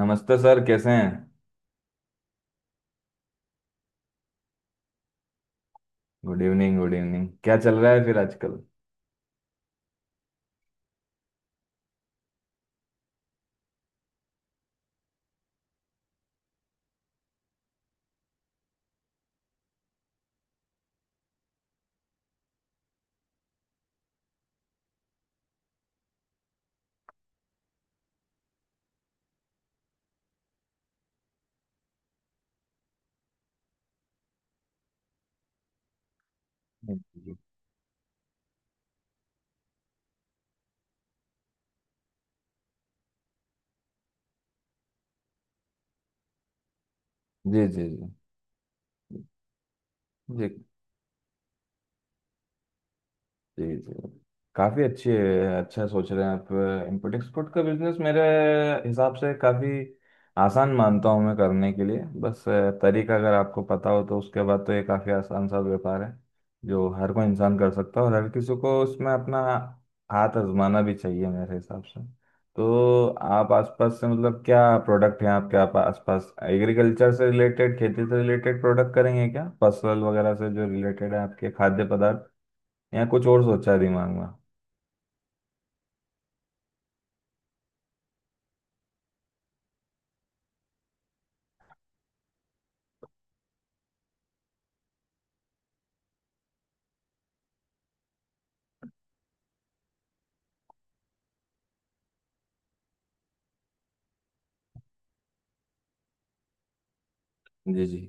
नमस्ते सर, कैसे हैं। Good evening, good evening. क्या चल रहा है फिर आजकल। जी, जी, जी, जी, जी, जी। काफी अच्छी। अच्छा सोच रहे हैं आप। इम्पोर्ट एक्सपोर्ट का बिजनेस मेरे हिसाब से काफी आसान मानता हूँ मैं करने के लिए। बस तरीका अगर आपको पता हो, तो उसके बाद तो ये काफी आसान सा व्यापार है। जो हर कोई इंसान कर सकता है और हर किसी को उसमें अपना हाथ आजमाना भी चाहिए मेरे हिसाब से। तो आप आसपास से, मतलब क्या प्रोडक्ट हैं आपके? आप आसपास एग्रीकल्चर से रिलेटेड, खेती से रिलेटेड प्रोडक्ट करेंगे क्या? फसल वगैरह से जो रिलेटेड है आपके, खाद्य पदार्थ या कुछ और सोचा है दिमाग में? जी, जी।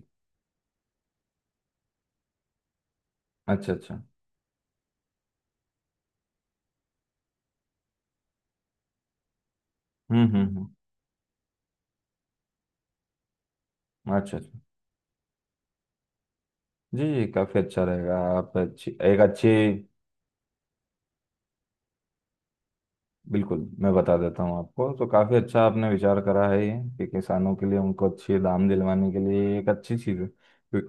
अच्छा, अच्छा। हम्म, हम्म, हम्म। अच्छा, अच्छा। जी, जी। काफ़ी अच्छा रहेगा आप। अच्छी, एक अच्छी। बिल्कुल, मैं बता देता हूँ आपको। तो काफ़ी अच्छा आपने विचार करा है ये, कि किसानों के लिए, उनको अच्छे दाम दिलवाने के लिए ये एक अच्छी चीज़ है।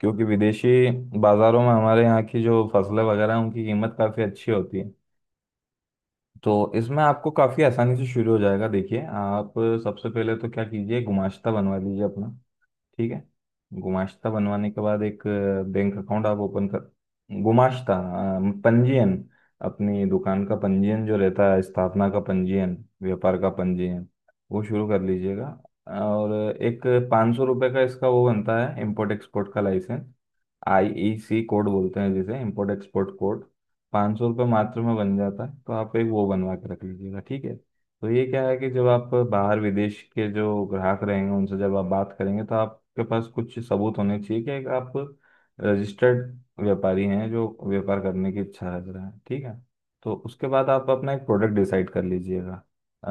क्योंकि विदेशी बाज़ारों में हमारे यहाँ की जो फसलें वगैरह हैं, उनकी कीमत काफ़ी अच्छी होती है। तो इसमें आपको काफ़ी आसानी से शुरू हो जाएगा। देखिए आप सबसे पहले तो क्या कीजिए, गुमाश्ता बनवा लीजिए अपना। ठीक है? गुमाश्ता बनवाने के बाद एक बैंक अकाउंट आप ओपन कर। गुमाश्ता पंजीयन, अपनी दुकान का पंजीयन जो रहता है, स्थापना का पंजीयन, व्यापार का पंजीयन, वो शुरू कर लीजिएगा। और एक ₹500 का इसका वो बनता है, इम्पोर्ट एक्सपोर्ट का लाइसेंस। IEC कोड बोलते हैं जिसे, इम्पोर्ट एक्सपोर्ट कोड। ₹500 मात्र में बन जाता है, तो आप एक वो बनवा के रख लीजिएगा। ठीक है? तो ये क्या है, कि जब आप बाहर विदेश के जो ग्राहक रहेंगे उनसे जब आप बात करेंगे, तो आपके पास कुछ सबूत होने चाहिए कि आप रजिस्टर्ड व्यापारी हैं, जो व्यापार करने की इच्छा रख रहे हैं। ठीक है? तो उसके बाद आप अपना एक प्रोडक्ट डिसाइड कर लीजिएगा। अ,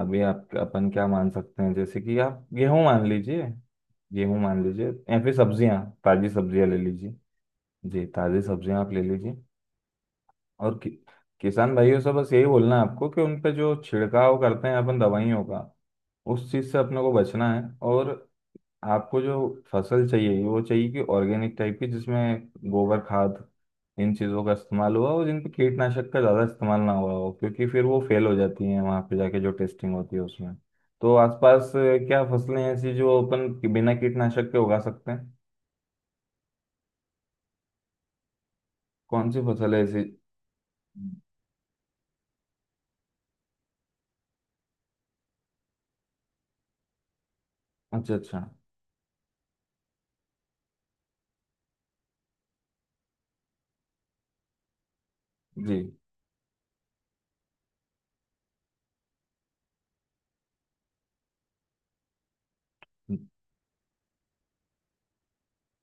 अभी आप अपन क्या मान सकते हैं, जैसे कि आप गेहूं मान लीजिए। गेहूं मान लीजिए या फिर सब्जियां, ताजी सब्जियां ले लीजिए। जी, ताजी सब्जियां आप ले लीजिए। और किसान भाइयों से बस यही बोलना है आपको, कि उन पे जो छिड़काव करते हैं अपन दवाइयों का, उस चीज़ से अपने को बचना है। और आपको जो फसल चाहिए वो चाहिए कि ऑर्गेनिक टाइप की, जिसमें गोबर खाद इन चीज़ों का इस्तेमाल हुआ, और जिन पे कीटनाशक का ज़्यादा इस्तेमाल ना हुआ हो, क्योंकि फिर वो फेल हो जाती हैं वहाँ पे जाके जो टेस्टिंग होती है उसमें। तो आसपास क्या फसलें ऐसी जो अपन बिना कीटनाशक के उगा सकते हैं? कौन सी फसल है ऐसी? अच्छा, अच्छा। जी,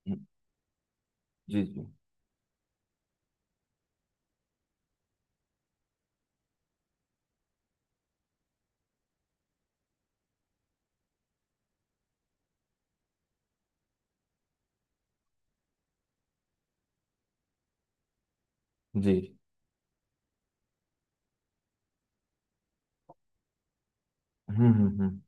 जी, जी, जी, जी। हम्म, हम्म,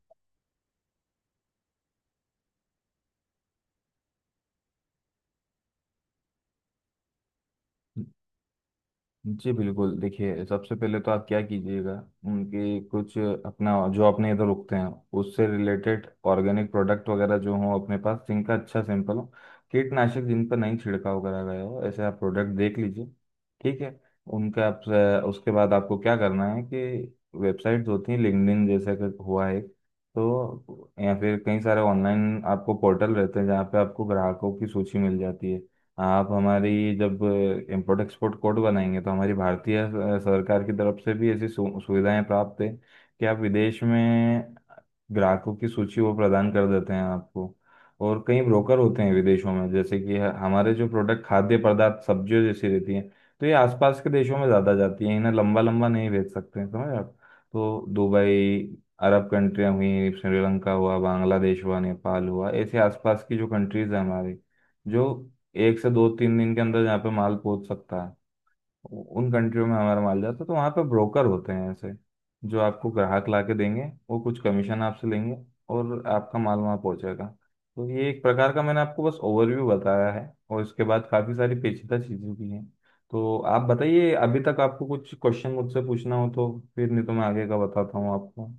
जी बिल्कुल, देखिए सबसे पहले तो आप क्या कीजिएगा, उनके कुछ अपना जो अपने इधर उगते हैं उससे रिलेटेड, ऑर्गेनिक प्रोडक्ट वगैरह जो हो अपने पास, जिनका अच्छा सैंपल हो, कीटनाशक जिन पर नहीं छिड़काव करा गया हो, ऐसे आप प्रोडक्ट देख लीजिए। ठीक है? उनका आप, उसके बाद आपको क्या करना है कि वेबसाइट्स होती हैं, लिंक्डइन जैसे कि हुआ है। तो या फिर कई सारे ऑनलाइन आपको पोर्टल रहते हैं, जहाँ पे आपको ग्राहकों की सूची मिल जाती है। आप हमारी, जब इम्पोर्ट एक्सपोर्ट कोड बनाएंगे, तो हमारी भारतीय सरकार की तरफ से भी ऐसी सुविधाएं प्राप्त है, कि आप विदेश में ग्राहकों की सूची वो प्रदान कर देते हैं आपको। और कई ब्रोकर होते हैं विदेशों में, जैसे कि हमारे जो प्रोडक्ट, खाद्य पदार्थ, सब्जियों जैसी रहती हैं, तो ये आसपास के देशों में ज़्यादा जाती हैं। इन्हें लंबा लंबा नहीं भेज सकते हैं, समझ आप। तो दुबई, अरब कंट्रियाँ हुई, श्रीलंका हुआ, बांग्लादेश हुआ, नेपाल हुआ, ऐसे आसपास की जो कंट्रीज़ हैं हमारी, जो एक से दो तीन दिन के अंदर जहाँ पे माल पहुंच सकता है, उन कंट्रियों में हमारा माल जाता है। तो वहाँ पे ब्रोकर होते हैं ऐसे, जो आपको ग्राहक ला के देंगे। वो कुछ कमीशन आपसे लेंगे, और आपका माल वहाँ पहुँचेगा। तो ये एक प्रकार का, मैंने आपको बस ओवरव्यू बताया है, और इसके बाद काफ़ी सारी पेचीदा चीज़ें भी हैं। तो आप बताइए, अभी तक आपको कुछ क्वेश्चन मुझसे पूछना हो तो? फिर नहीं तो मैं आगे का बताता हूँ आपको।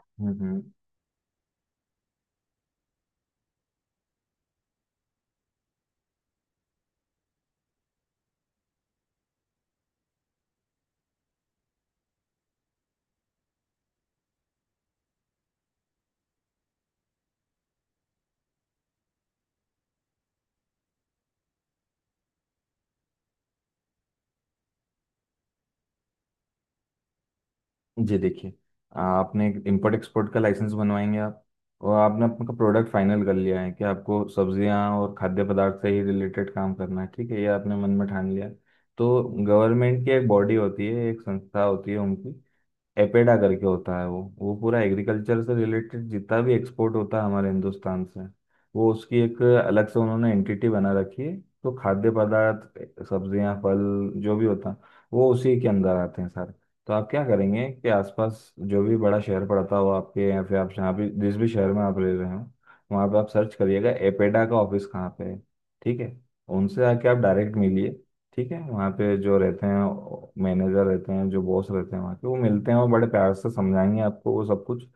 हम्म, हम्म। जी देखिए, आपने एक इम्पोर्ट एक्सपोर्ट का लाइसेंस बनवाएंगे आप, और आपने अपना प्रोडक्ट फाइनल कर लिया है कि आपको सब्जियां और खाद्य पदार्थ से ही रिलेटेड काम करना है। ठीक है, ये आपने मन में ठान लिया। तो गवर्नमेंट की एक बॉडी होती है, एक संस्था होती है उनकी, एपेडा करके होता है वो पूरा एग्रीकल्चर से रिलेटेड जितना भी एक्सपोर्ट होता है हमारे हिंदुस्तान से, वो उसकी एक अलग से उन्होंने एंटिटी बना रखी है। तो खाद्य पदार्थ, सब्जियां, फल, जो भी होता है वो उसी के अंदर आते हैं सारे। तो आप क्या करेंगे कि आसपास जो भी बड़ा शहर पड़ता हो आपके, या फिर आप जहाँ भी, जिस भी शहर में आप रह रहे हो, वहाँ पे आप सर्च करिएगा एपेडा का ऑफिस कहाँ पे है। ठीक है? उनसे आके आप डायरेक्ट मिलिए। ठीक है? वहाँ पे जो रहते हैं, मैनेजर रहते हैं, जो बॉस रहते हैं वहाँ के, वो मिलते हैं और बड़े प्यार से समझाएंगे आपको वो सब कुछ।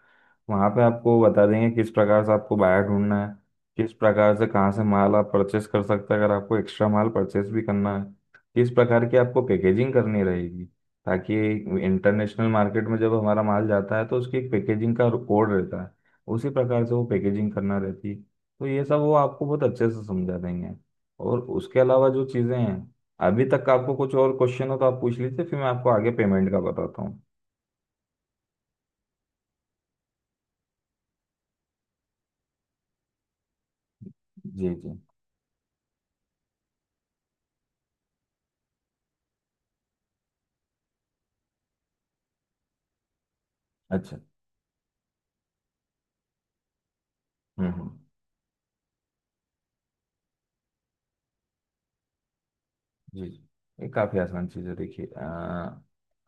वहाँ पे आपको बता देंगे किस प्रकार से आपको बायर ढूंढना है, किस प्रकार से कहाँ से माल आप परचेस कर सकते हैं, अगर आपको एक्स्ट्रा माल परचेस भी करना है, किस प्रकार की आपको पैकेजिंग करनी रहेगी, ताकि इंटरनेशनल मार्केट में जब हमारा माल जाता है तो उसकी एक पैकेजिंग का कोड रहता है, उसी प्रकार से वो पैकेजिंग करना रहती है। तो ये सब वो आपको बहुत अच्छे से समझा देंगे। और उसके अलावा जो चीज़ें हैं, अभी तक आपको कुछ और क्वेश्चन हो तो आप पूछ लीजिए, फिर मैं आपको आगे पेमेंट का बताता हूँ। जी, जी। अच्छा। हम्म, हम्म। जी, जी। ये काफ़ी आसान चीज़ है देखिए।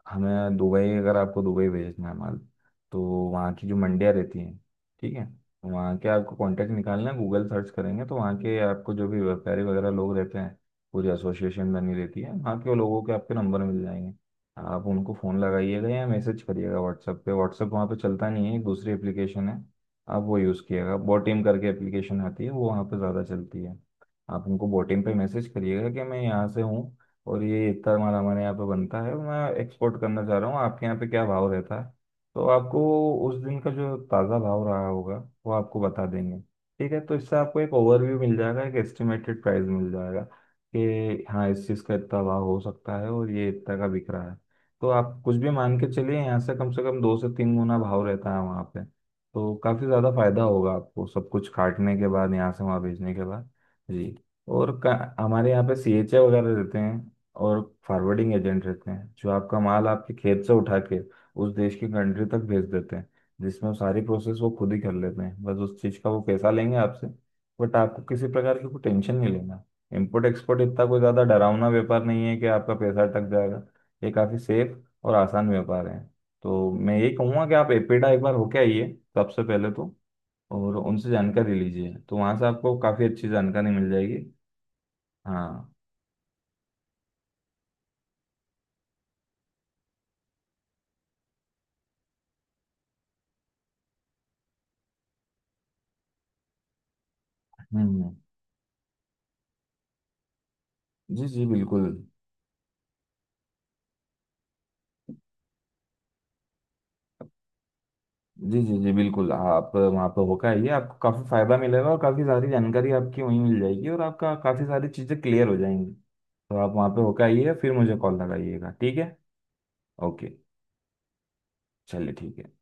हमें दुबई, अगर आपको दुबई भेजना है माल, तो वहाँ की जो मंडियाँ रहती हैं, ठीक है, वहाँ के आपको कांटेक्ट निकालना है। गूगल सर्च करेंगे तो वहाँ के आपको जो भी व्यापारी वगैरह लोग रहते हैं, पूरी एसोसिएशन बनी रहती है, वहाँ के लोगों के आपके नंबर मिल जाएंगे। आप उनको फ़ोन लगाइएगा या मैसेज करिएगा व्हाट्सएप पे। व्हाट्सएप वहाँ पे चलता नहीं है, एक दूसरी एप्लीकेशन है। आप वो यूज़ किएगा, बोटिम करके एप्लीकेशन आती है, वो वहाँ पे ज़्यादा चलती है। आप उनको बोटिम पे मैसेज करिएगा कि मैं यहाँ से हूँ, और ये इतना माल हमारे यहाँ पे बनता है, मैं एक्सपोर्ट करना चाह रहा हूँ, आपके यहाँ पे क्या भाव रहता है। तो आपको उस दिन का जो ताज़ा भाव रहा होगा, वो आपको बता देंगे। ठीक है? तो इससे आपको एक ओवरव्यू मिल जाएगा, एक एस्टिमेटेड प्राइस मिल जाएगा, कि हाँ, इस चीज़ का इतना भाव हो सकता है, और ये इतना का बिक रहा है। तो आप कुछ भी मान के चलिए, यहाँ से कम दो से तीन गुना भाव रहता है वहाँ पे। तो काफ़ी ज़्यादा फायदा होगा आपको सब कुछ काटने के बाद, यहाँ से वहाँ भेजने के बाद। जी, और हमारे यहाँ पे CHA वगैरह रहते हैं, और फॉरवर्डिंग एजेंट रहते हैं, जो आपका माल आपके खेत से उठा के उस देश की कंट्री तक भेज देते हैं, जिसमें सारी प्रोसेस वो खुद ही कर लेते हैं, बस उस चीज़ का वो पैसा लेंगे आपसे। बट आपको किसी प्रकार की कोई टेंशन नहीं लेना। इम्पोर्ट एक्सपोर्ट इतना कोई ज़्यादा डरावना व्यापार नहीं है कि आपका पैसा अटक जाएगा। ये काफ़ी सेफ और आसान व्यापार है। तो मैं यही कहूँगा कि आप एपेडा एक बार होके आइए सबसे पहले तो, और उनसे जानकारी लीजिए, तो वहाँ से आपको काफ़ी अच्छी जानकारी मिल जाएगी। हाँ, हम्म। जी, जी बिल्कुल। जी, जी, जी बिल्कुल। आप वहाँ पर होकर आइए, आपको काफ़ी फायदा मिलेगा, और काफ़ी सारी जानकारी आपकी वहीं मिल जाएगी, और आपका काफ़ी सारी चीज़ें क्लियर हो जाएंगी। तो आप वहाँ पे होकर आइए, फिर मुझे कॉल लगाइएगा। ठीक है? ओके, चलिए, ठीक है।